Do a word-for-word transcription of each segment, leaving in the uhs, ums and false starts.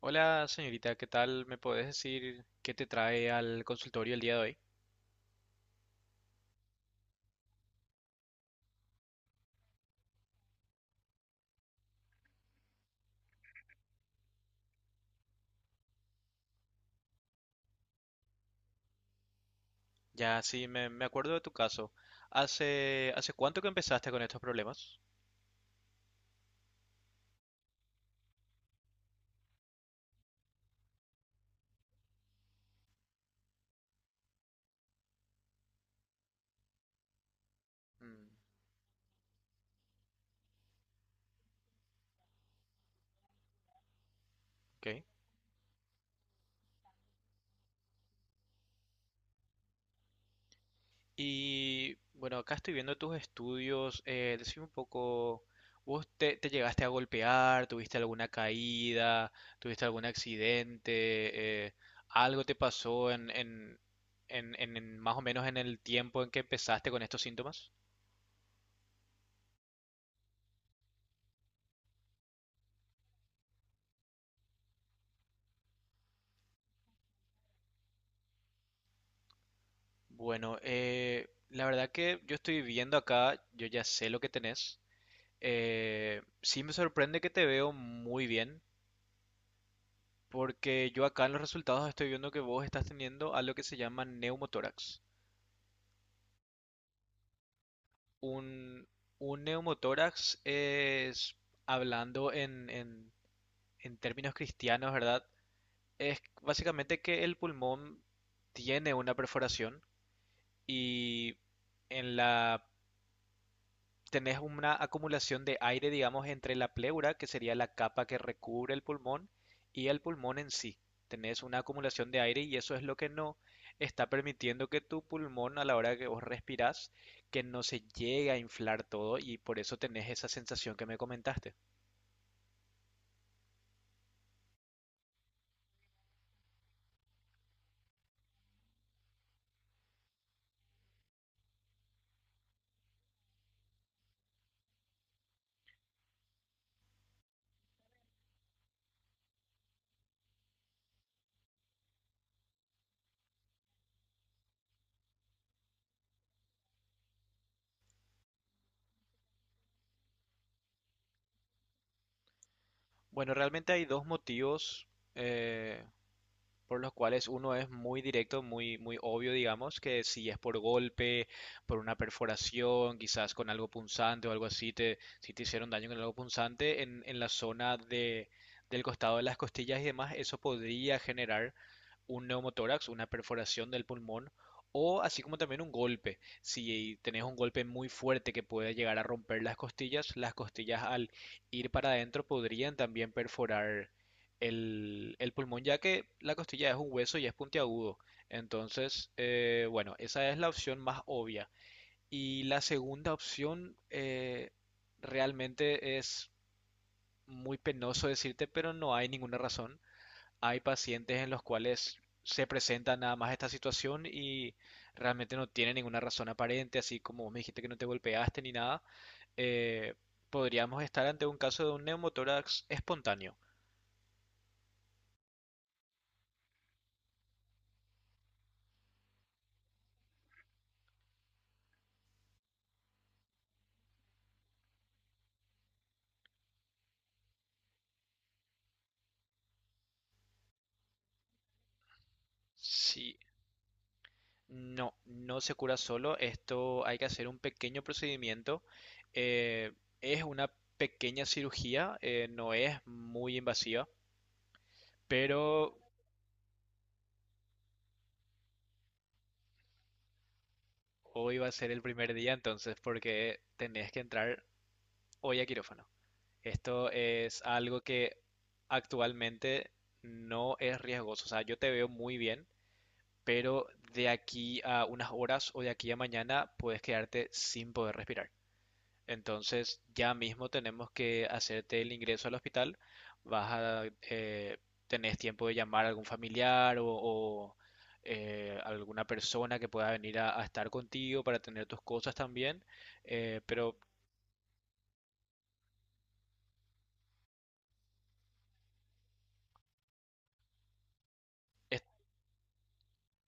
Hola señorita, ¿qué tal? ¿Me puedes decir qué te trae al consultorio el día de hoy? Ya sí, me, me acuerdo de tu caso. ¿Hace, hace cuánto que empezaste con estos problemas? Mm, ok. Y bueno, acá estoy viendo tus estudios. Eh, decime un poco, ¿vos te, te llegaste a golpear? ¿Tuviste alguna caída? ¿Tuviste algún accidente? Eh, ¿algo te pasó en, en, en, en en más o menos en el tiempo en que empezaste con estos síntomas? Bueno, eh, la verdad que yo estoy viendo acá, yo ya sé lo que tenés. Eh, sí, me sorprende que te veo muy bien, porque yo acá en los resultados estoy viendo que vos estás teniendo algo que se llama neumotórax. Un, un neumotórax es, hablando en, en en términos cristianos, ¿verdad? Es básicamente que el pulmón tiene una perforación y en la tenés una acumulación de aire, digamos, entre la pleura, que sería la capa que recubre el pulmón, y el pulmón en sí. Tenés una acumulación de aire y eso es lo que no está permitiendo que tu pulmón a la hora que vos respirás, que no se llegue a inflar todo, y por eso tenés esa sensación que me comentaste. Bueno, realmente hay dos motivos, eh, por los cuales uno es muy directo, muy, muy obvio, digamos, que si es por golpe, por una perforación, quizás con algo punzante o algo así, te, si te hicieron daño con algo punzante en, en la zona de, del costado de las costillas y demás, eso podría generar un neumotórax, una perforación del pulmón, o así como también un golpe. Si tenés un golpe muy fuerte que puede llegar a romper las costillas, las costillas al ir para adentro podrían también perforar el, el pulmón, ya que la costilla es un hueso y es puntiagudo. Entonces, eh, bueno, esa es la opción más obvia. Y la segunda opción, eh, realmente es muy penoso decirte, pero no hay ninguna razón. Hay pacientes en los cuales se presenta nada más esta situación y realmente no tiene ninguna razón aparente, así como vos me dijiste que no te golpeaste ni nada. eh, Podríamos estar ante un caso de un neumotórax espontáneo. Sí, no, no se cura solo. Esto hay que hacer un pequeño procedimiento. eh, es una pequeña cirugía, eh, no es muy invasiva, pero hoy va a ser el primer día, entonces, porque tenés que entrar hoy a quirófano. Esto es algo que actualmente no es riesgoso. O sea, yo te veo muy bien, pero de aquí a unas horas o de aquí a mañana puedes quedarte sin poder respirar. Entonces, ya mismo tenemos que hacerte el ingreso al hospital. Vas a, eh, Tenés tiempo de llamar a algún familiar o, o, eh, alguna persona que pueda venir a, a estar contigo para tener tus cosas también. Eh, pero, es-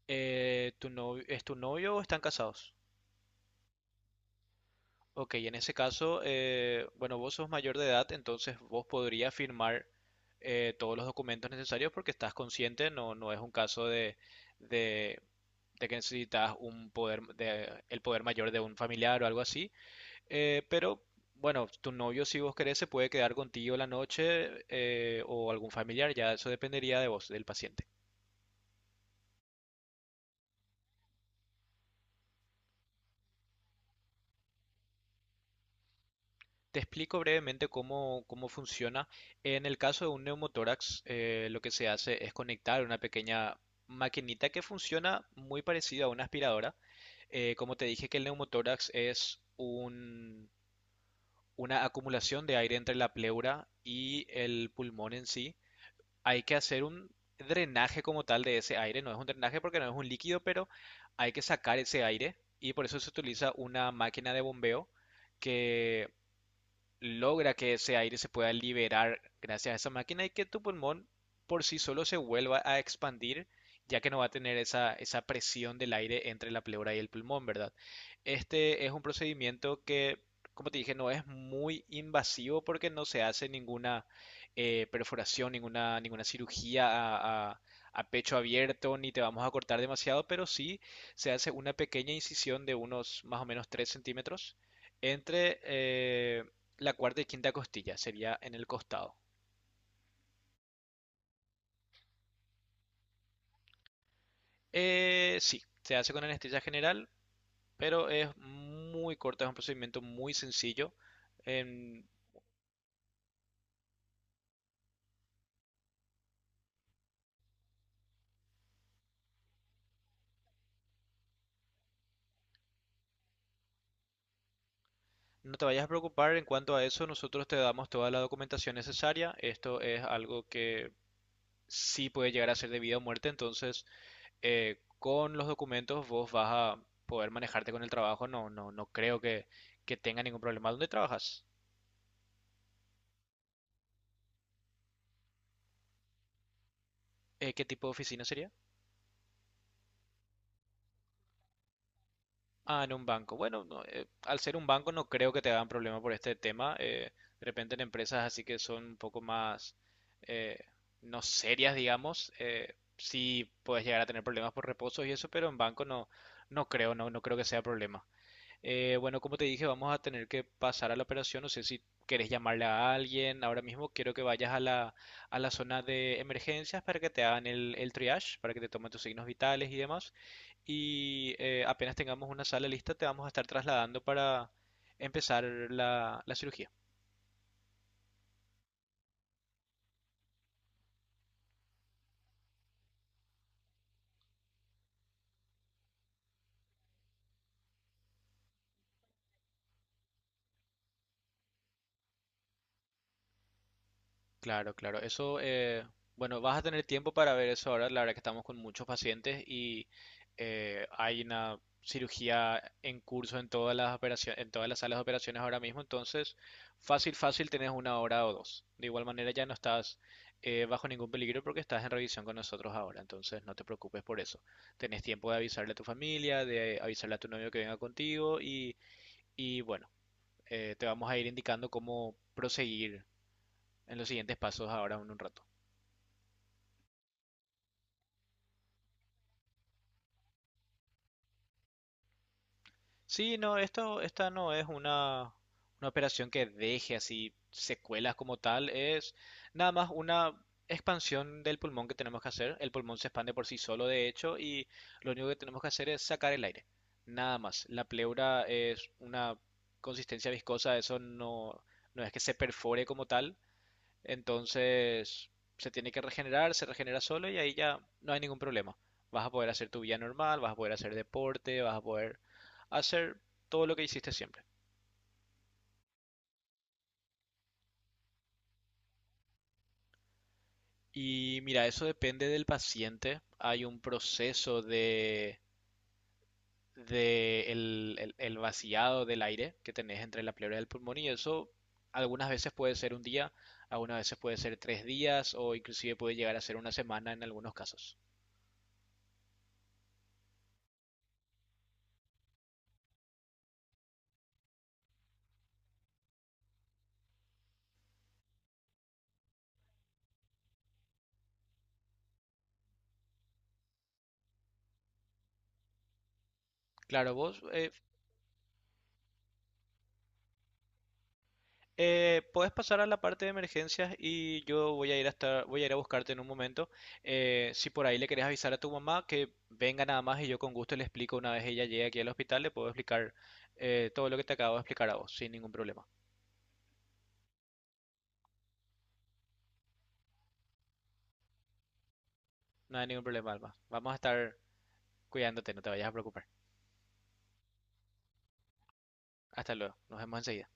eh, ¿Tu novio, es tu novio o están casados? Ok, en ese caso, eh, bueno, vos sos mayor de edad, entonces vos podrías firmar eh, todos los documentos necesarios porque estás consciente, no, no es un caso de, de- de que necesitas un poder, de- el poder mayor de un familiar o algo así. Eh, pero bueno, tu novio, si vos querés, se puede quedar contigo la noche, eh, o algún familiar, ya eso dependería de vos, del paciente. Te explico brevemente cómo, cómo funciona. En el caso de un neumotórax, eh, lo que se hace es conectar una pequeña maquinita que funciona muy parecida a una aspiradora. Eh, como te dije, que el neumotórax es un- una acumulación de aire entre la pleura y el pulmón en sí. Hay que hacer un drenaje como tal de ese aire. No es un drenaje porque no es un líquido, pero hay que sacar ese aire y por eso se utiliza una máquina de bombeo que logra que ese aire se pueda liberar gracias a esa máquina y que tu pulmón por sí solo se vuelva a expandir, ya que no va a tener esa, esa presión del aire entre la pleura y el pulmón, ¿verdad? Este es un procedimiento que, como te dije, no es muy invasivo porque no se hace ninguna eh, perforación, ninguna, ninguna cirugía a, a- a pecho abierto, ni te vamos a cortar demasiado, pero sí se hace una pequeña incisión de unos más o menos tres centímetros entre, eh, la cuarta y quinta costilla, sería en el costado. Eh, sí, se hace con anestesia general, pero es muy corta, es un procedimiento muy sencillo. Em, no te vayas a preocupar en cuanto a eso, nosotros te damos toda la documentación necesaria. Esto es algo que sí puede llegar a ser de vida o muerte, entonces, eh, con los documentos vos vas a poder manejarte con el trabajo. No, no, no creo que, que tenga ningún problema. ¿Dónde trabajas? Eh, ¿qué tipo de oficina sería? Ah, en un banco. Bueno, no, eh, al ser un banco no creo que te hagan problema por este tema. Eh, de repente en empresas así que son un poco más, eh, no serias, digamos, eh, sí puedes llegar a tener problemas por reposos y eso, pero en banco no, no creo, no, no creo que sea problema. Eh, bueno, como te dije, vamos a tener que pasar a la operación. No sé si querés llamarle a alguien. Ahora mismo quiero que vayas a la, a la zona de emergencias para que te hagan el, el triage, para que te tomen tus signos vitales y demás. Y eh, apenas tengamos una sala lista, te vamos a estar trasladando para empezar la la cirugía. Claro, claro. Eso, eh, bueno, vas a tener tiempo para ver eso ahora. La verdad que estamos con muchos pacientes y, eh, hay una cirugía en curso en todas las operaciones, en todas las salas de operaciones ahora mismo. Entonces, fácil, fácil, tenés una hora o dos. De igual manera, ya no estás, eh, bajo ningún peligro porque estás en revisión con nosotros ahora. Entonces, no te preocupes por eso. Tenés tiempo de avisarle a tu familia, de avisarle a tu novio que venga contigo, y, y bueno, eh, te vamos a ir indicando cómo proseguir en los siguientes pasos ahora en un rato. Sí, no, esto, esta no es una, una operación que deje así secuelas como tal, es nada más una expansión del pulmón que tenemos que hacer. El pulmón se expande por sí solo, de hecho, y lo único que tenemos que hacer es sacar el aire. Nada más. La pleura es una consistencia viscosa, eso no, no es que se perfore como tal, entonces se tiene que regenerar, se regenera solo y ahí ya no hay ningún problema. Vas a poder hacer tu vida normal, vas a poder hacer deporte, vas a poder hacer todo lo que hiciste siempre. Y mira, eso depende del paciente. Hay un proceso de, de el, el- el vaciado del aire que tenés entre la pleura y el pulmón y eso algunas veces puede ser un día, algunas veces puede ser tres días o inclusive puede llegar a ser una semana en algunos casos. Claro, vos eh, Eh, puedes pasar a la parte de emergencias y yo voy a ir hasta, voy a ir a buscarte en un momento. Eh, si por ahí le querés avisar a tu mamá que venga nada más, y yo con gusto le explico una vez ella llegue aquí al hospital, le puedo explicar, eh, todo lo que te acabo de explicar a vos, sin ningún problema. No hay ningún problema, Alma. Vamos a estar cuidándote, no te vayas a preocupar. Hasta luego, nos vemos enseguida.